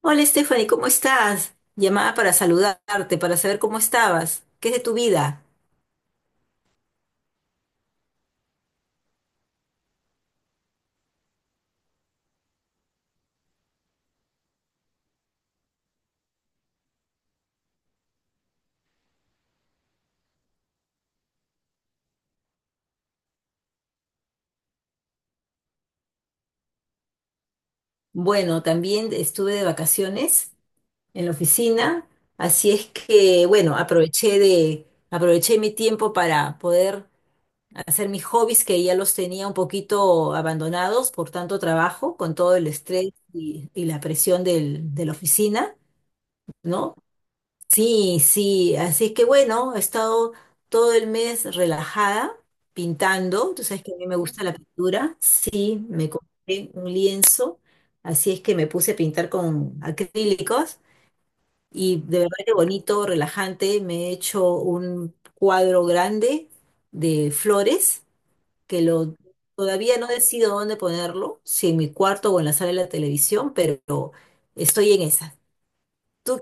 Hola Stephanie, ¿cómo estás? Llamada para saludarte, para saber cómo estabas. ¿Qué es de tu vida? Bueno, también estuve de vacaciones en la oficina, así es que, bueno, aproveché mi tiempo para poder hacer mis hobbies que ya los tenía un poquito abandonados por tanto trabajo, con todo el estrés y la presión de la oficina, ¿no? Sí, sí, así es que bueno, he estado todo el mes relajada, pintando, tú sabes que a mí me gusta la pintura, sí, me compré un lienzo, así es que me puse a pintar con acrílicos y de verdad que bonito, relajante, me he hecho un cuadro grande de flores que lo todavía no decido dónde ponerlo, si en mi cuarto o en la sala de la televisión, pero estoy en esa. Tú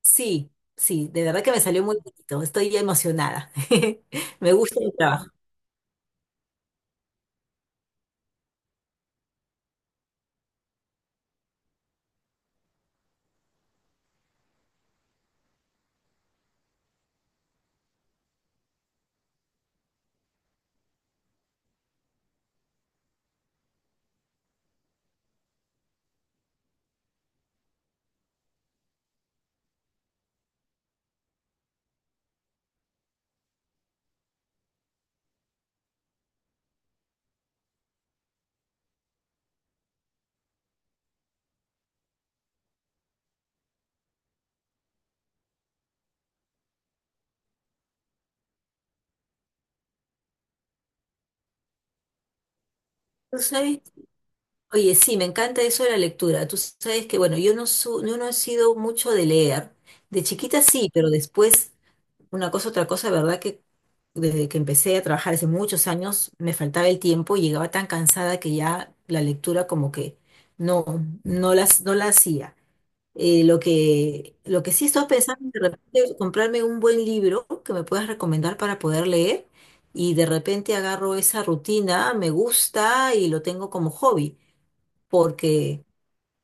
Sí, sí, de verdad que me salió muy bonito, estoy emocionada. Me gusta mi trabajo. ¿Tú sabes? Oye, sí, me encanta eso de la lectura. Tú sabes que, bueno, yo no he sido mucho de leer. De chiquita sí, pero después, una cosa, otra cosa, verdad que desde que empecé a trabajar hace muchos años, me faltaba el tiempo y llegaba tan cansada que ya la lectura como que no, no la hacía. Lo que sí estoy pensando es de repente comprarme un buen libro que me puedas recomendar para poder leer y de repente agarro esa rutina, me gusta y lo tengo como hobby, porque,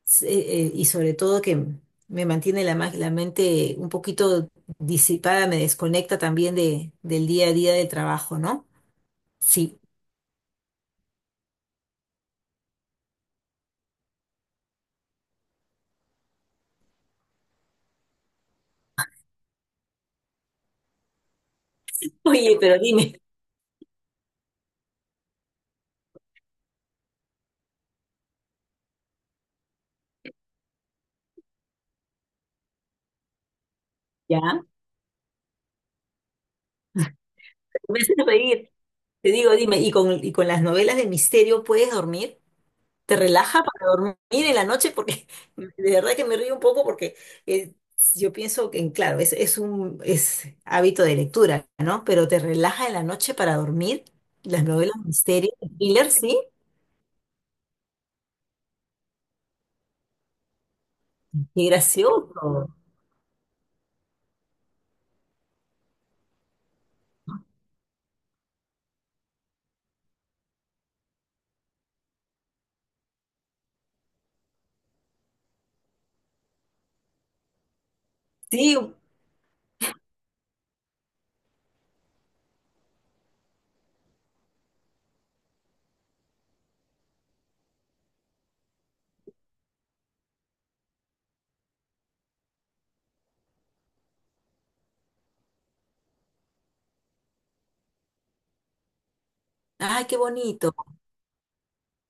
y sobre todo que me mantiene la mente un poquito disipada, me desconecta también de, del día a día del trabajo, ¿no? Sí. Oye, pero dime, ¿ya? Me haces reír. Te digo, dime, ¿ y con las novelas de misterio puedes dormir? Te relaja para dormir en la noche porque de verdad que me río un poco porque eh, yo pienso que, claro, es hábito de lectura, ¿no? Pero te relaja en la noche para dormir. Las novelas de misterio, de thriller, sí, qué gracioso. Sí, ay, qué bonito,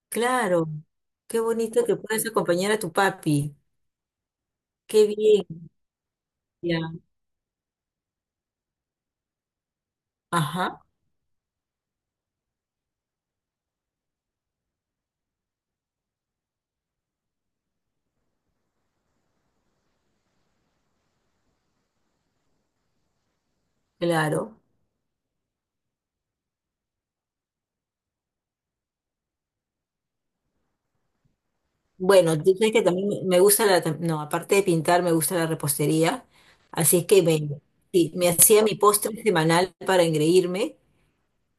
claro, qué bonito que puedes acompañar a tu papi. Qué bien, ya. Ajá, claro. Bueno, tú sabes que también no, aparte de pintar, me gusta la repostería. Así es que sí, me hacía mi postre semanal para engreírme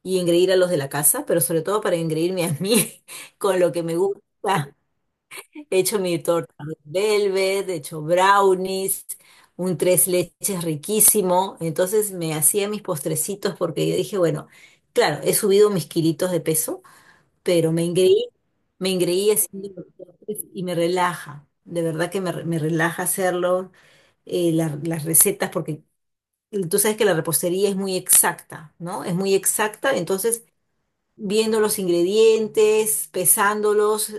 y engreír a los de la casa, pero sobre todo para engreírme a mí con lo que me gusta. He hecho mi torta de velvet, he hecho brownies, un tres leches riquísimo. Entonces me hacía mis postrecitos porque yo dije, bueno, claro, he subido mis kilitos de peso pero me engreí haciendo los postres y me relaja, de verdad que me relaja hacerlo, las recetas, porque tú sabes que la repostería es muy exacta, ¿no? Es muy exacta, entonces viendo los ingredientes, pesándolos,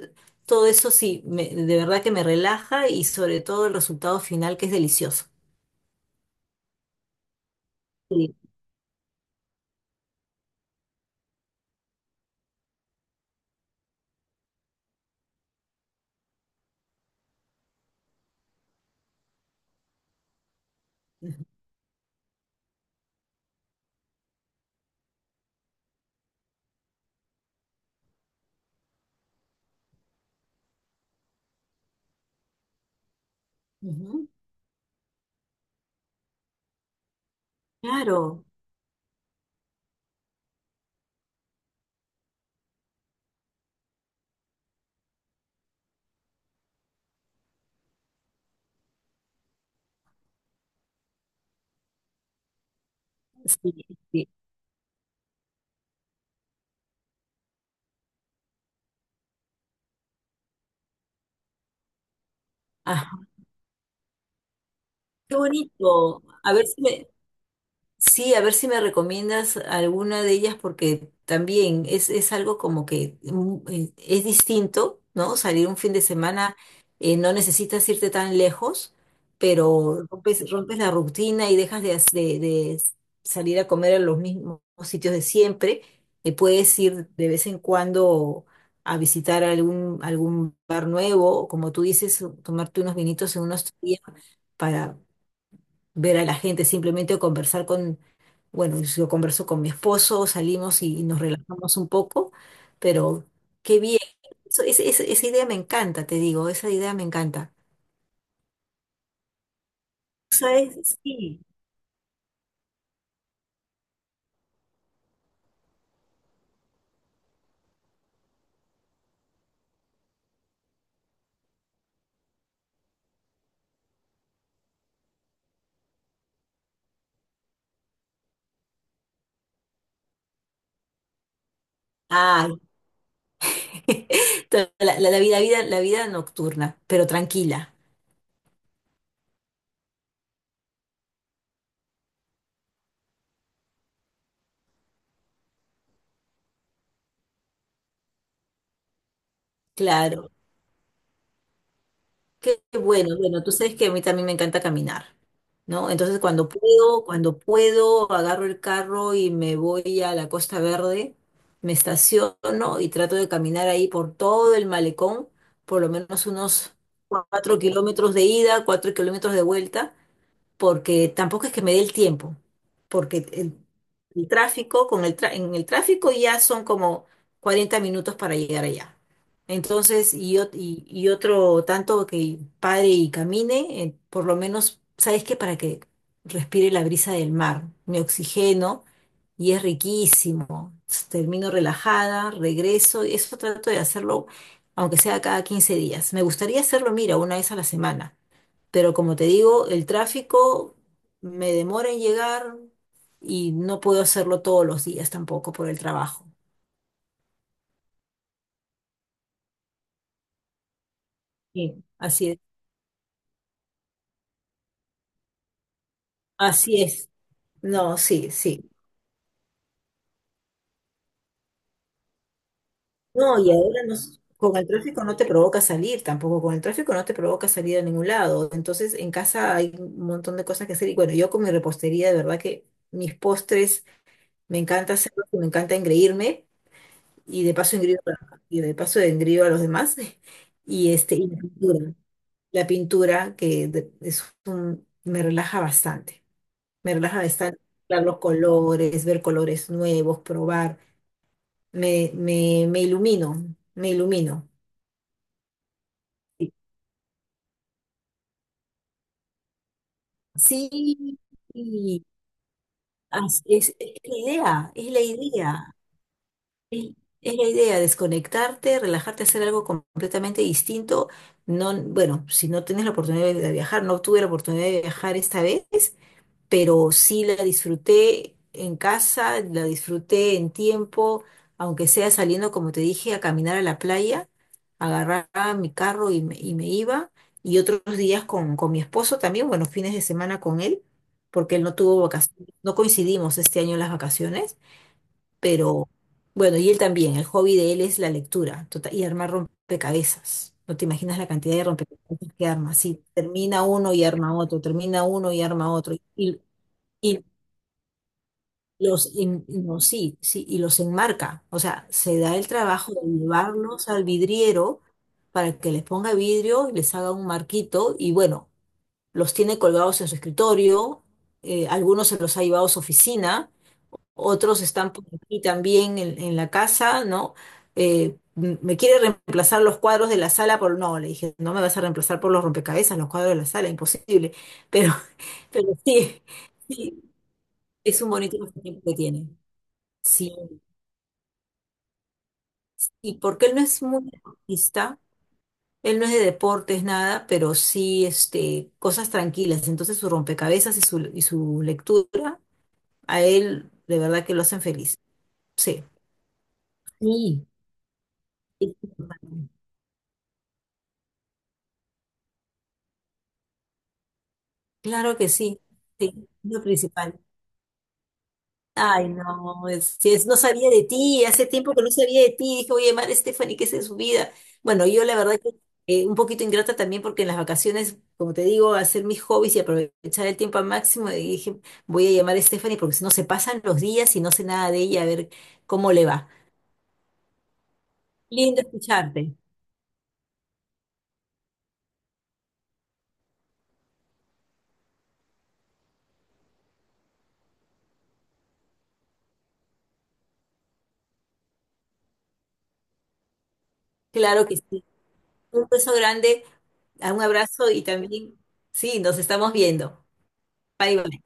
todo eso sí, de verdad que me relaja y sobre todo el resultado final que es delicioso. Sí. Ujú. Claro, sí, sí. Ajá. Qué bonito. A ver si me, Sí, a ver si me recomiendas alguna de ellas porque también es algo como que es distinto, ¿no? Salir un fin de semana, no necesitas irte tan lejos, pero rompes, rompes la rutina y dejas de salir a comer a los mismos sitios de siempre. Puedes ir de vez en cuando a visitar algún, algún bar nuevo, o como tú dices, tomarte unos vinitos en unos días ver a la gente, simplemente o conversar con, bueno, yo converso con mi esposo, salimos y nos relajamos un poco, pero qué bien. Esa idea me encanta, te digo, esa idea me encanta. ¿Sabes? Sí. Ay, la vida, la vida, la vida nocturna, pero tranquila, claro. Qué bueno, bueno, tú sabes que a mí también me encanta caminar, ¿no? Entonces cuando puedo, agarro el carro y me voy a la Costa Verde, me estaciono y trato de caminar ahí por todo el malecón, por lo menos unos 4 kilómetros de ida, 4 kilómetros de vuelta, porque tampoco es que me dé el tiempo, porque el tráfico, en el tráfico ya son como 40 minutos para llegar allá. Entonces, y otro tanto que pare y camine, por lo menos, ¿sabes qué? Para que respire la brisa del mar, me oxigeno y es riquísimo. Termino relajada, regreso, y eso trato de hacerlo, aunque sea cada 15 días. Me gustaría hacerlo, mira, una vez a la semana. Pero como te digo, el tráfico me demora en llegar y no puedo hacerlo todos los días tampoco por el trabajo. Sí, así es. Así es. No, sí, sí. No, y ahora con el tráfico no te provoca salir tampoco, con el tráfico no te provoca salir a ningún lado. Entonces, en casa hay un montón de cosas que hacer. Y bueno, yo con mi repostería, de verdad que mis postres me encanta hacerlos y me encanta engreírme. Y de paso engrío, y de paso engrío a los demás. Y este, y la pintura. La pintura, es un, me relaja bastante. Me relaja bastante ver los colores, ver colores nuevos, probar. Me ilumino, me ilumino. Sí, sí, y es la idea, es la idea. Es, es la idea, desconectarte, relajarte, hacer algo completamente distinto. No, bueno, si no tienes la oportunidad de viajar, no tuve la oportunidad de viajar esta vez, pero sí la disfruté en casa, la disfruté en tiempo, aunque sea saliendo, como te dije, a caminar a la playa, agarraba mi carro y me iba, y otros días con mi esposo también, bueno, fines de semana con él, porque él no tuvo vacaciones, no coincidimos este año en las vacaciones, pero bueno, y él también, el hobby de él es y armar rompecabezas. No te imaginas la cantidad de rompecabezas que arma. Si termina uno y arma otro, termina uno y arma otro. Y no, sí, sí, y los enmarca. O sea, se da el trabajo de llevarlos al vidriero para que les ponga vidrio y les haga un marquito. Y bueno, los tiene colgados en su escritorio. Eh, algunos se los ha llevado a su oficina. Otros están por aquí también en la casa, ¿no? Me quiere reemplazar los cuadros de la sala por... No, le dije, no me vas a reemplazar por los rompecabezas, los cuadros de la sala, imposible. Pero, pero sí, sí, es un bonito pasatiempo que tiene. Sí. Y porque él no es muy deportista, él no es de deportes, nada, pero sí este, cosas tranquilas. Entonces su rompecabezas y su lectura, a él de verdad que lo hacen feliz. Sí. Sí. Claro que sí. Sí, es lo principal. Ay, es, si es- no sabía de ti, hace tiempo que no sabía de ti, dije, oye, Mar Stephanie, ¿qué es de su vida? Bueno, yo la verdad que un poquito ingrata también porque en las vacaciones, como te digo, hacer mis hobbies y aprovechar el tiempo al máximo, y dije, voy a llamar a Stephanie porque si no se pasan los días y no sé nada de ella, a ver cómo le va. Lindo escucharte, claro que sí. Un beso grande, un abrazo y también, sí, nos estamos viendo. Bye, bye.